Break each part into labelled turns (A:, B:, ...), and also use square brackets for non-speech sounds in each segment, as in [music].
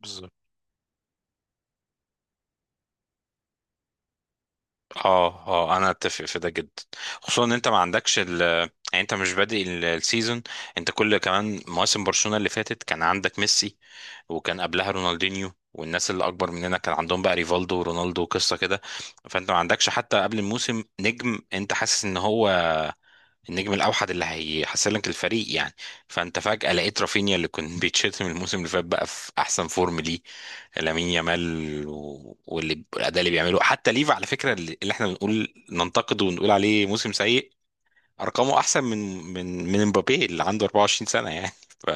A: بالظبط. اه اه انا اتفق في ده جدا. خصوصا ان انت ما عندكش يعني، انت مش بادئ السيزون. انت كل كمان مواسم برشلونة اللي فاتت كان عندك ميسي، وكان قبلها رونالدينيو، والناس اللي اكبر مننا كان عندهم بقى ريفالدو ورونالدو وقصة كده. فانت ما عندكش حتى قبل الموسم نجم انت حاسس ان هو النجم الاوحد اللي هيحسنك الفريق يعني. فانت فجأة لقيت رافينيا اللي كان [laughs] بيتشتم الموسم اللي فات بقى في احسن فورم ليه، لامين يامال، واللي الاداء اللي بيعمله حتى ليفا على فكرة اللي احنا بنقول ننتقده ونقول عليه موسم سيء، ارقامه احسن من من مبابي اللي عنده 24 سنة يعني [laughs] ف,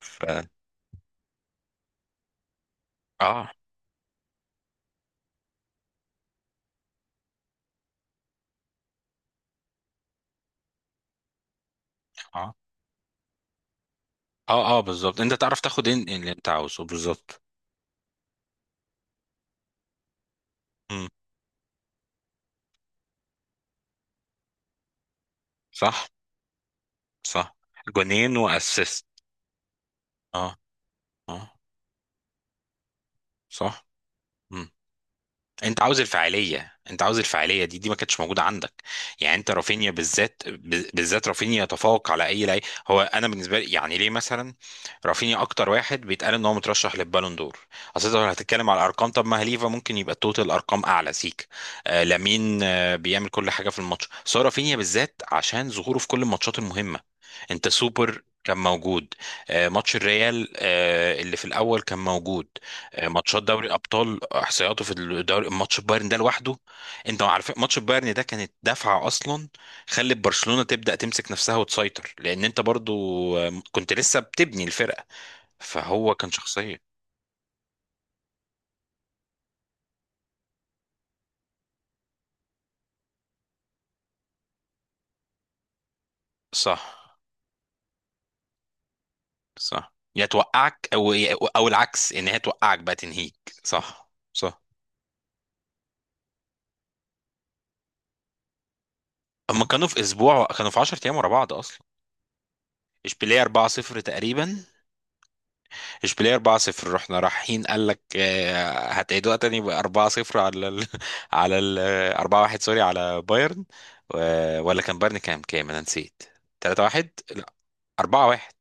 A: ف... اه اه اه اه بالظبط. انت تعرف تاخد اللي انت عاوزه بالظبط. مم. صح صح. جونين واسيست. اه اه. صح. مم. انت عاوز الفاعليه، انت عاوز الفاعليه دي ما كانتش موجوده عندك. يعني انت رافينيا بالذات بالذات رافينيا يتفوق على اي لعيب هو، انا بالنسبه لي يعني ليه، مثلا رافينيا اكتر واحد بيتقال ان هو مترشح للبالون دور. اصل انت لو هتتكلم على الارقام، طب ما هليفا ممكن يبقى التوتال ارقام اعلى سيك. آه لامين آه بيعمل كل حاجه في الماتش، بس هو رافينيا بالذات عشان ظهوره في كل الماتشات المهمه. انت سوبر كان موجود، آه، ماتش الريال آه، اللي في الاول كان موجود، آه، ماتشات دوري ابطال، احصائياته في الدوري، ماتش بايرن ده لوحده. انت عارف ماتش بايرن ده كانت دفعه اصلا، خلت برشلونه تبدا تمسك نفسها وتسيطر، لان انت برضو آه، كنت لسه بتبني الفرقه، فهو كان شخصيه. صح صح يا توقعك او او العكس ان هي توقعك بقى تنهيك. صح صح. اما كانوا في اسبوع كانوا في 10 ايام ورا بعض اصلا. اشبيليه 4-0 تقريبا. اشبيليه 4-0 رحنا رايحين قال لك آه، هتعيدوها تاني ب 4-0 على ال [laughs] على ال 4-1 سوري، على بايرن. ولا كان بايرن كام انا نسيت. 3-1 لا، 4-1،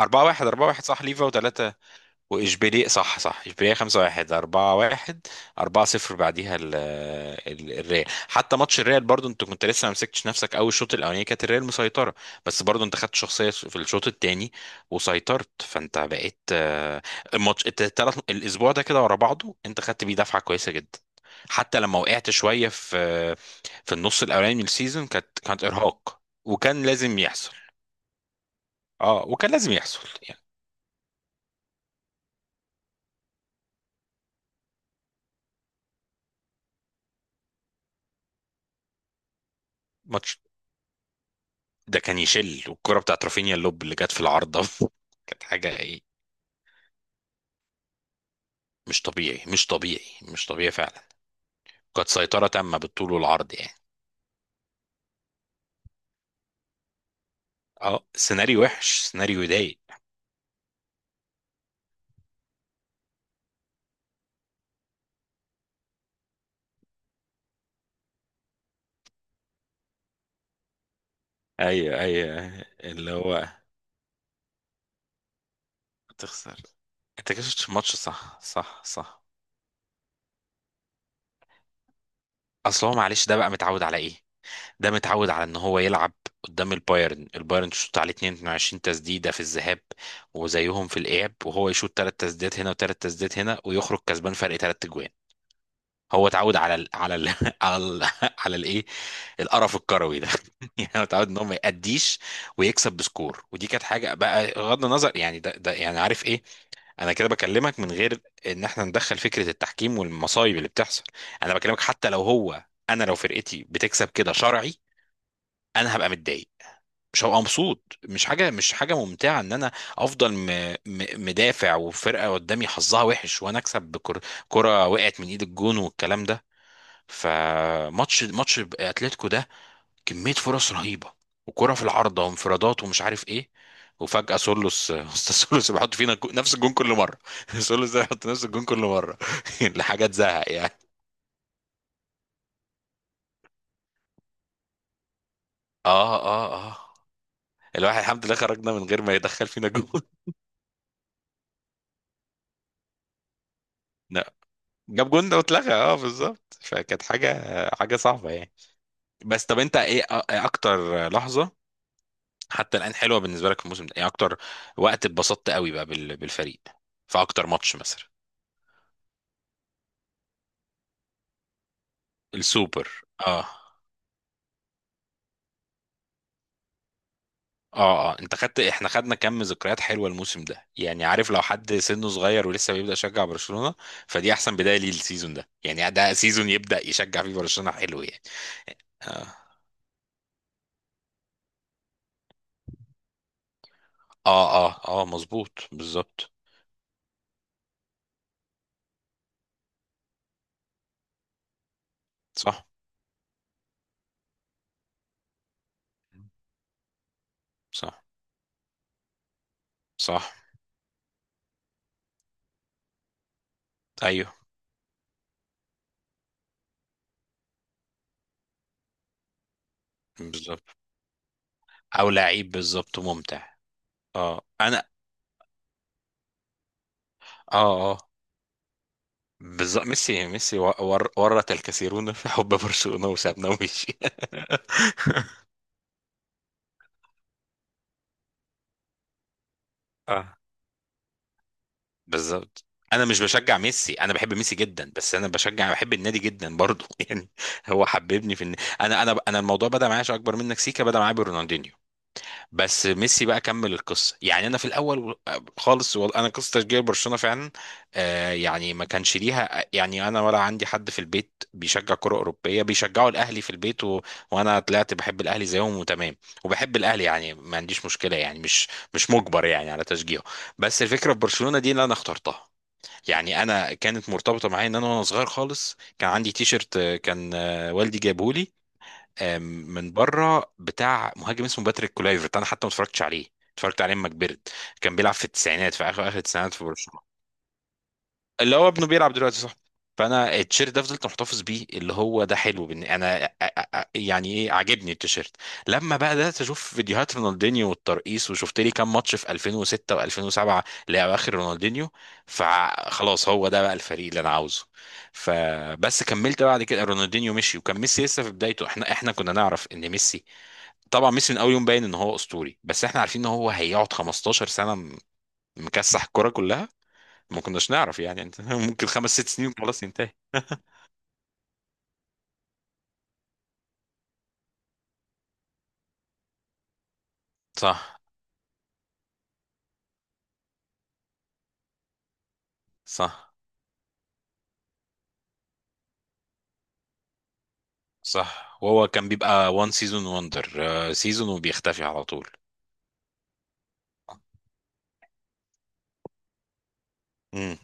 A: 4-1 4-1 صح ليفا و3. واشبيليه صح صح اشبيليه 5 1 4 1 4 0 بعديها الريال. حتى ماتش الريال برضو انت كنت لسه ما مسكتش نفسك قوي، الشوط الاولاني كانت الريال مسيطره، بس برضو انت خدت شخصيه في الشوط الثاني وسيطرت، فانت بقيت آه، الماتش الثلاث الاسبوع ده كده ورا بعضه انت خدت بيه دفعه كويسه جدا. حتى لما وقعت شويه في في النص الاولاني من السيزون كانت ارهاق وكان لازم يحصل. اه وكان لازم يحصل يعني. ماتش ده كان يشل، والكرة بتاعت رافينيا اللوب اللي جت في العارضة [laughs] كانت حاجة ايه. مش طبيعي مش طبيعي مش طبيعي فعلا. كانت سيطرة تامة بالطول والعرض يعني. اه، سيناريو وحش، سيناريو يضايق. ايوه ايوه، اللي هو تخسر. انت كده شفتش الماتش، صح صح صح. اصل هو معلش ده بقى متعود على ايه، ده متعود على ان هو يلعب قدام البايرن. البايرن تشوط عليه 22 تسديده في الذهاب وزيهم في الاياب وهو يشوط ثلاث تسديدات هنا وثلاث تسديدات هنا ويخرج كسبان فرق ثلاث اجوان. هو اتعود على [laughs] على ال على الايه القرف الكروي ده. [laughs] يعني هو اتعود ان هو ما يأديش ويكسب بسكور، ودي كانت حاجه بقى بغض النظر يعني ده يعني عارف ايه. انا كده بكلمك من غير ان احنا ندخل فكره التحكيم والمصايب اللي بتحصل، انا بكلمك حتى لو هو انا لو فرقتي بتكسب كده شرعي انا هبقى متضايق، مش هبقى مبسوط، مش حاجه، مش حاجه ممتعه ان انا افضل مدافع وفرقه قدامي حظها وحش وانا اكسب بكره، كره وقعت من ايد الجون والكلام ده. فماتش اتلتيكو ده كمية فرص رهيبة وكرة في العارضة وانفرادات ومش عارف ايه، وفجأة سولوس [laughs] استاذ سولوس بيحط فينا نفس الجون كل مرة [laughs] سولوس ده بيحط نفس الجون كل مرة [laughs] لحاجة تزهق يعني. اه اه اه، الواحد الحمد لله خرجنا من غير ما يدخل فينا جون. [laughs] لا، جاب جون ده واتلغى، اه بالظبط، فكانت حاجة حاجة صعبة يعني. بس طب انت ايه اكتر لحظة حتى الآن حلوة بالنسبة لك في الموسم ده، يعني اكتر وقت اتبسطت قوي بقى بالفريق في اكتر ماتش مثلا. السوبر. اه اه اه، انت خدت، احنا خدنا كم ذكريات حلوه الموسم ده يعني. عارف لو حد سنه صغير ولسه بيبدأ يشجع برشلونة، فدي احسن بداية ليه السيزون ده يعني. ده سيزون يبدأ يشجع فيه برشلونة حلو يعني. اه اه اه, آه مظبوط بالظبط. صح صح صح. ايوه بالظبط. او لعيب بالظبط ممتع. اه انا، اه اه بالظبط. ميسي ميسي ورط الكثيرون في حب برشلونة وسابنا ومشي. [laughs] اه بالظبط. انا مش بشجع ميسي، انا بحب ميسي جدا، بس انا بشجع بحب النادي جدا برضه [laughs] يعني. هو حببني انا الموضوع بدا معايا، عشان اكبر منك سيكا، بدا معايا برونالدينيو، بس ميسي بقى كمل القصه يعني. انا في الاول خالص انا قصه تشجيع برشلونه فعلا آه يعني ما كانش ليها يعني. انا ولا عندي حد في البيت بيشجع كره اوروبيه، بيشجعوا الاهلي في البيت وانا طلعت بحب الاهلي زيهم وتمام. وبحب الاهلي يعني ما عنديش مشكله يعني، مش مش مجبر يعني على تشجيعه. بس الفكره في برشلونه دي اللي انا اخترتها يعني. انا كانت مرتبطه معايا ان انا وانا صغير خالص كان عندي تيشرت آه، كان آه، والدي جابهولي آم، من بره، بتاع مهاجم اسمه باتريك كولايفرت. انا حتى ما اتفرجتش عليه، اتفرجت عليه لما كبرت. كان بيلعب في التسعينات في اخر اخر التسعينات في برشلونه. اللي هو ابنه بيلعب دلوقتي صح. فانا التيشيرت ده فضلت محتفظ بيه، اللي هو ده حلو بن... انا أ- أ- أ- يعني ايه، عاجبني التيشيرت. لما بقى بدات اشوف فيديوهات رونالدينيو والترقيص وشفت لي كام ماتش في 2006 و2007 لاواخر رونالدينيو، فخلاص هو ده بقى الفريق اللي انا عاوزه. فبس كملت بعد كده، رونالدينيو مشي وكان ميسي لسه في بدايته. احنا كنا نعرف ان ميسي، طبعا ميسي من اول يوم باين ان هو اسطوري، بس احنا عارفين ان هو هيقعد 15 سنه مكسح الكرة كلها، ما كناش نعرف يعني انت [laughs] ممكن خمس ست سنين خلاص ينتهي. [laughs] صح صح صح. وهو كان بيبقى وان سيزون وندر، سيزون وبيختفي على طول. امم.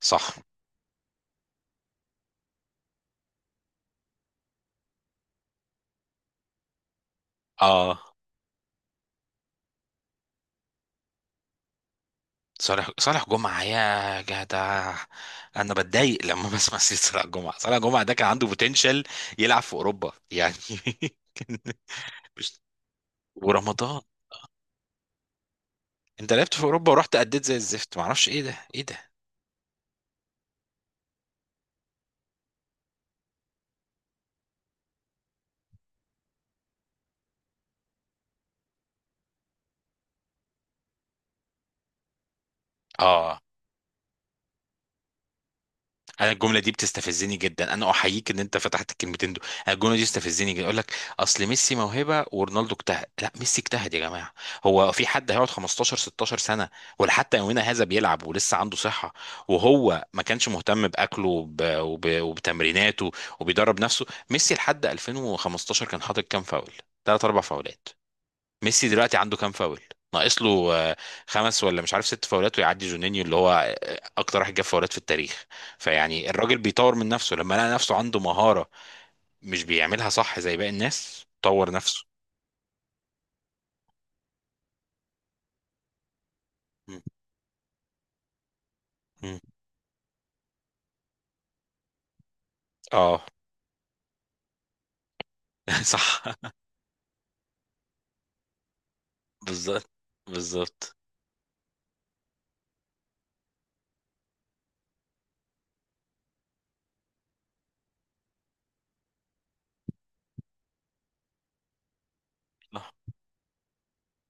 A: صح. اه. صالح، صالح جمعة يا جدع. انا بتضايق لما [laughs] بسمع سيرة صالح جمعة. صالح جمعة ده كان عنده بوتنشال يلعب في اوروبا يعني [laughs] كان. مش ورمضان، انت لعبت في اوروبا ورحت اديت زي الزفت، معرفش ايه ده ايه ده. اه انا الجمله دي بتستفزني جدا، انا احييك ان انت فتحت الكلمتين دول، انا الجمله دي بتستفزني جدا، يقول لك اصل ميسي موهبه ورونالدو اجتهد. لا، ميسي اجتهد يا جماعه. هو في حد هيقعد 15 16 سنه ولا حتى يومنا هذا بيلعب ولسه عنده صحه وهو ما كانش مهتم باكله وبتمريناته وبيدرب نفسه؟ ميسي لحد 2015 كان حاطط كام فاول، ثلاث اربع فاولات. ميسي دلوقتي عنده كام فاول، ناقص له آه، خمس ولا مش عارف ست فاولات ويعدي جونينيو اللي هو آه، اكتر واحد جاب فاولات في التاريخ. فيعني الراجل بيطور من نفسه، لما لقى نفسه عنده مهارة مش بيعملها صح زي باقي الناس، طور نفسه. م- م. اه. [laughs] صح. بالظبط بالظبط.